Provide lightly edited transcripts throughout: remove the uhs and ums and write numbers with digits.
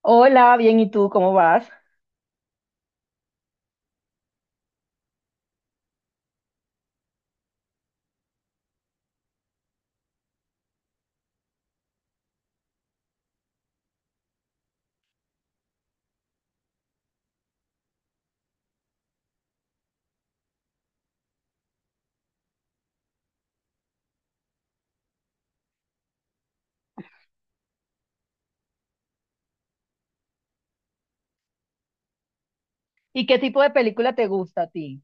Hola, bien, ¿y tú cómo vas? ¿Y qué tipo de película te gusta a ti?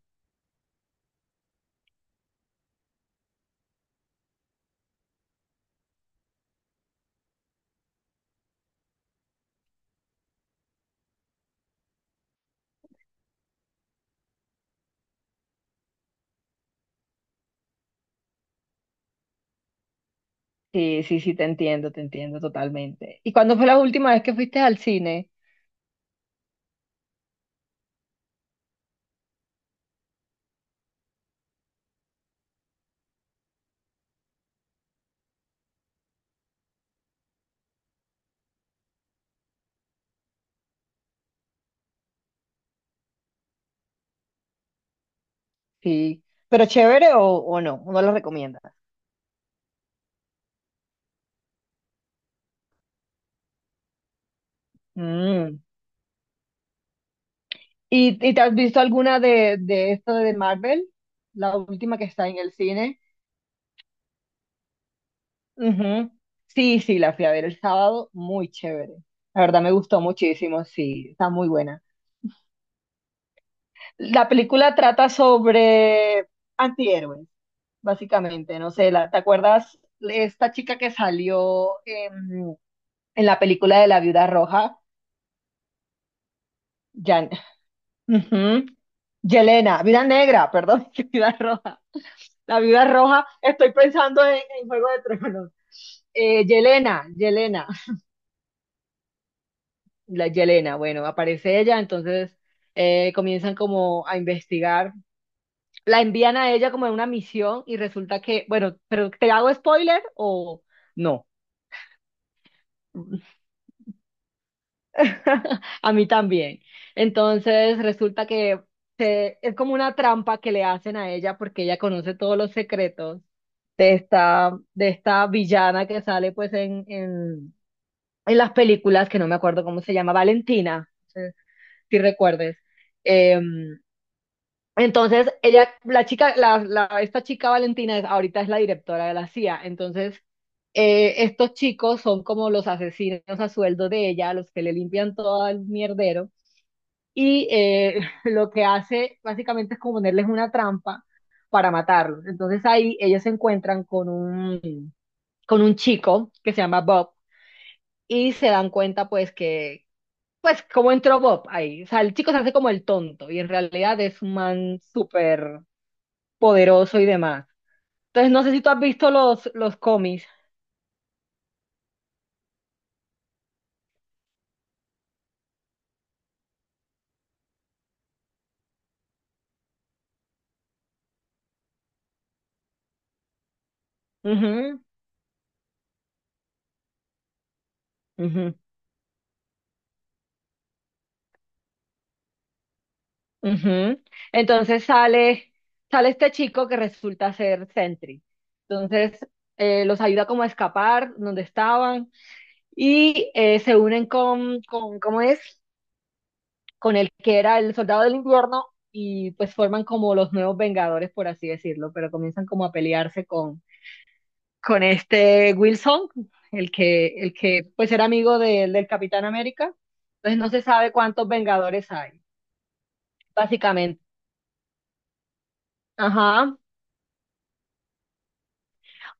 Sí, sí, sí, te entiendo totalmente. ¿Y cuándo fue la última vez que fuiste al cine? Sí, pero chévere o no, no lo recomiendas. Mm. ¿Y te has visto alguna de esto de Marvel? La última que está en el cine. Ujú. Sí, sí, la fui a ver el sábado, muy chévere. La verdad me gustó muchísimo, sí, está muy buena. La película trata sobre antihéroes. Básicamente, no sé, la, ¿te acuerdas esta chica que salió en la película de la viuda roja? Jan, ujú, Yelena, viuda negra, perdón, que viuda roja. La viuda roja, estoy pensando en Juego de Tronos. Yelena, Yelena, la Yelena, bueno, aparece ella, entonces comienzan como a investigar, la envían a ella como en una misión y resulta que, bueno, pero ¿te hago spoiler o no? A mí también. Entonces resulta que es como una trampa que le hacen a ella porque ella conoce todos los secretos de esta villana que sale pues en las películas, que no me acuerdo cómo se llama, Valentina, no sé si recuerdes. Eh, entonces ella, la chica, esta chica Valentina ahorita es la directora de la CIA. Entonces estos chicos son como los asesinos a sueldo de ella, los que le limpian todo el mierdero y lo que hace básicamente es como ponerles una trampa para matarlos. Entonces ahí ellos se encuentran con un chico que se llama Bob y se dan cuenta pues que, pues cómo entró Bob ahí. O sea, el chico se hace como el tonto y en realidad es un man súper poderoso y demás. Entonces no sé si tú has visto los cómics. Ujú, ujú. Ujú. Entonces sale, sale este chico que resulta ser Sentry. Entonces los ayuda como a escapar donde estaban y se unen ¿cómo es? Con el que era el soldado del invierno y pues forman como los nuevos Vengadores, por así decirlo, pero comienzan como a pelearse con este Wilson, el que pues era amigo del Capitán América. Entonces no se sabe cuántos Vengadores hay, básicamente. Ajá.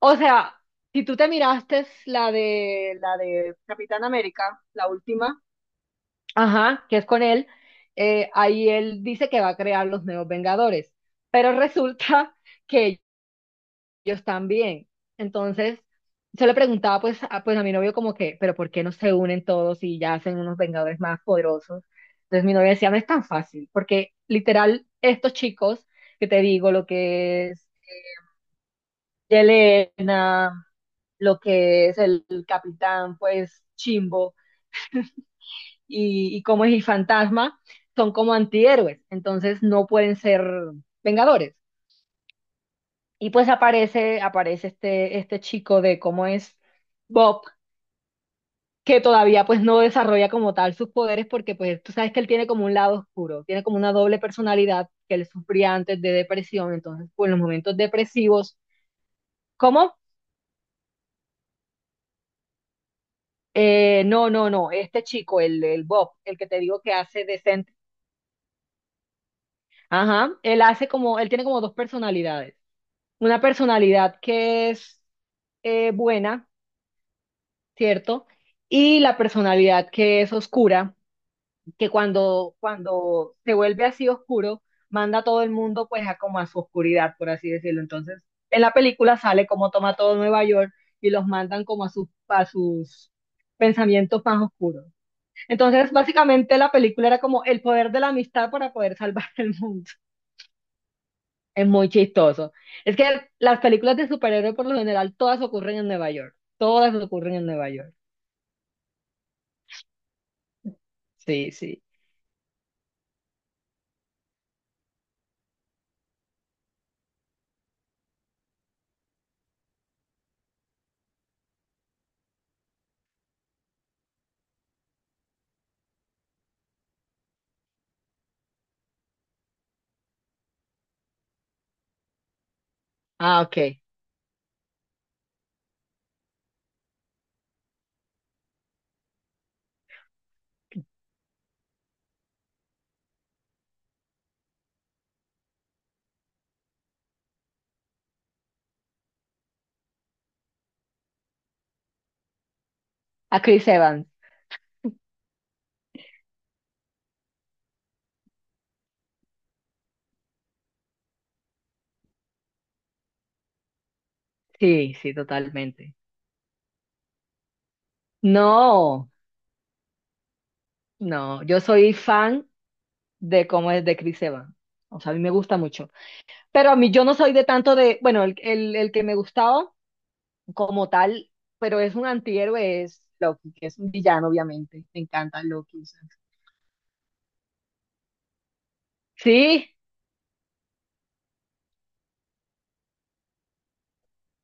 O sea, si tú te miraste la de Capitán América, la última, ajá, que es con él, ahí él dice que va a crear los nuevos Vengadores, pero resulta que ellos también. Entonces, yo le preguntaba pues a mi novio como que, pero ¿por qué no se unen todos y ya hacen unos Vengadores más poderosos? Entonces mi novio decía, no es tan fácil, porque literal estos chicos que te digo, lo que es Yelena, lo que es el capitán, pues Chimbo y como es el fantasma, son como antihéroes, entonces no pueden ser vengadores. Y pues aparece, aparece este chico de cómo es Bob, que todavía pues no desarrolla como tal sus poderes porque pues tú sabes que él tiene como un lado oscuro, tiene como una doble personalidad que él sufría antes de depresión, entonces pues en los momentos depresivos, ¿cómo? No, no, no, este chico, el Bob, el que te digo que hace de Saint. Ajá, él hace como, él tiene como dos personalidades. Una personalidad que es buena, ¿cierto? Y la personalidad que es oscura, que cuando se vuelve así oscuro, manda a todo el mundo pues a como a su oscuridad, por así decirlo. Entonces, en la película sale como toma todo Nueva York y los mandan como a sus pensamientos más oscuros. Entonces, básicamente la película era como el poder de la amistad para poder salvar el mundo. Es muy chistoso. Es que las películas de superhéroes por lo general todas ocurren en Nueva York. Todas ocurren en Nueva York. Sí, sí. Ah, ok. A Chris Evans. Sí, sí, totalmente. No, no. Yo soy fan de cómo es de Chris Evans. O sea, a mí me gusta mucho. Pero a mí yo no soy de tanto de, bueno, el que me gustaba como tal, pero es un antihéroe, es Loki, que es un villano, obviamente. Me encanta Loki. Sí,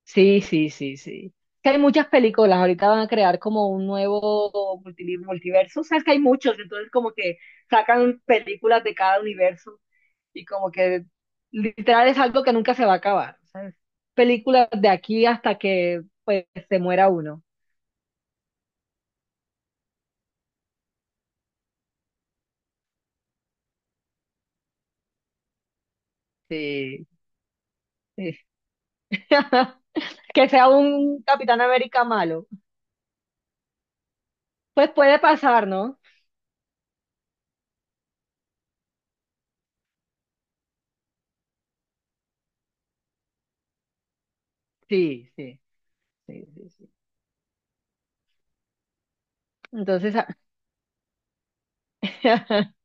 sí, sí, sí, sí. Que hay muchas películas, ahorita van a crear como un nuevo multiverso, o sea, que hay muchos, entonces como que sacan películas de cada universo y como que literal es algo que nunca se va a acabar, ¿sabes? Películas de aquí hasta que pues se muera uno. Sí, sí. Que sea un Capitán América malo. Pues puede pasar, ¿no? Sí, sí, sí, sí, sí. Entonces,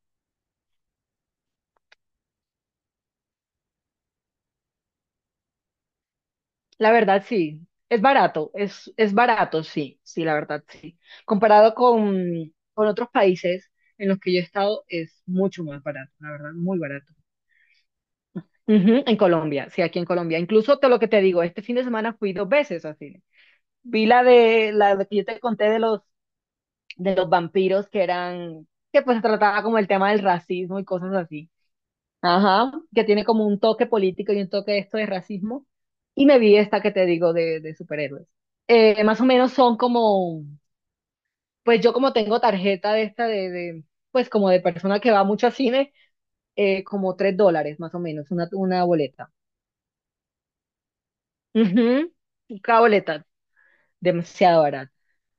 la verdad, sí. Es barato, es barato, sí, sí, la verdad, sí. Comparado con otros países en los que yo he estado, es mucho más barato, la verdad, muy barato. Ujú, en Colombia, sí, aquí en Colombia. Incluso te lo que te digo, este fin de semana fui 2 veces al cine. Vi la de que yo te conté de los vampiros que eran, que pues trataba como el tema del racismo y cosas así. Ajá, que tiene como un toque político y un toque de esto de racismo. Y me vi esta que te digo de superhéroes. Más o menos son como, pues yo como tengo tarjeta de esta pues como de persona que va mucho al cine, como 3 dólares más o menos, una boleta. Ujú, cada boleta, demasiado barata.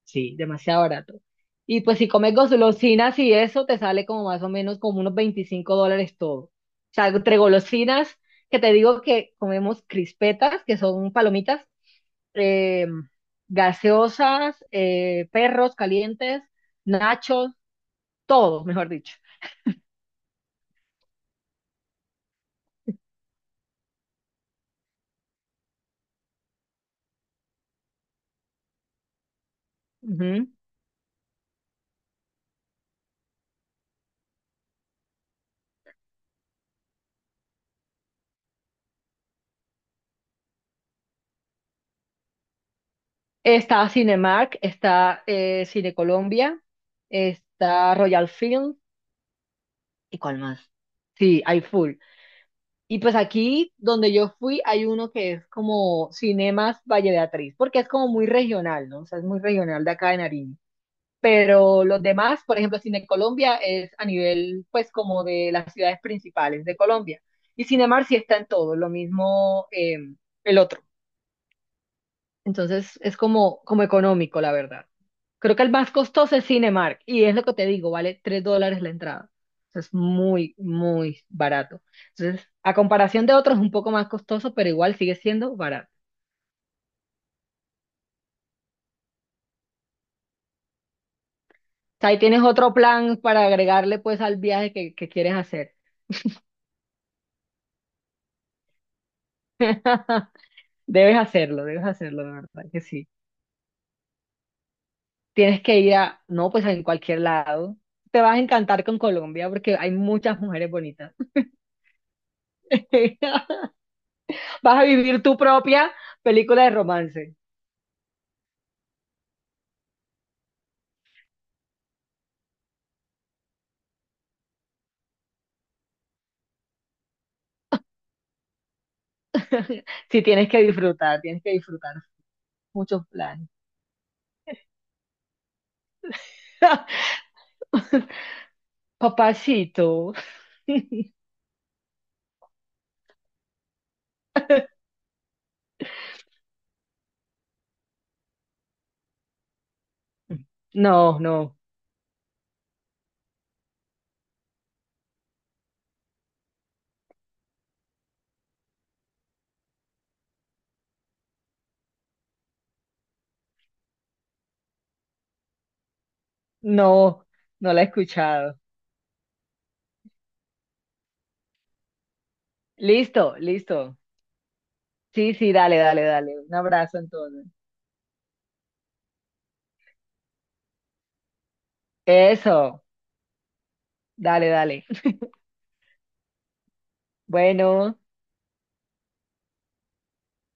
Sí, demasiado barato. Y pues si comes golosinas y eso, te sale como más o menos como unos 25 dólares todo. O sea, entre golosinas, que te digo que comemos crispetas, que son palomitas, eh, gaseosas, perros calientes, nachos, todo, mejor dicho. Ujú. Está Cinemark, está Cine Colombia, está Royal Film, ¿y cuál más? Sí, hay full. Y pues aquí donde yo fui hay uno que es como Cinemas Valle Beatriz, porque es como muy regional, ¿no? O sea, es muy regional de acá de Nariño. Pero los demás, por ejemplo, Cine Colombia es a nivel, pues, como de las ciudades principales de Colombia. Y Cinemar sí está en todo, lo mismo el otro. Entonces es como, como económico, la verdad. Creo que el más costoso es Cinemark y es lo que te digo, vale 3 dólares la entrada. Entonces es muy, muy barato. Entonces, a comparación de otros, es un poco más costoso, pero igual sigue siendo barato. O sea, ahí tienes otro plan para agregarle pues al viaje que quieres hacer. Debes hacerlo, de verdad que sí. Tienes que ir a, no, pues en cualquier lado. Te vas a encantar con Colombia porque hay muchas mujeres bonitas. Vas a vivir tu propia película de romance. Si tienes que disfrutar, tienes que disfrutar muchos planes. Papacito. No, no, no, no la he escuchado. Listo, listo. Sí, sí, dale, dale, dale. Un abrazo entonces. Eso, dale, dale. Bueno.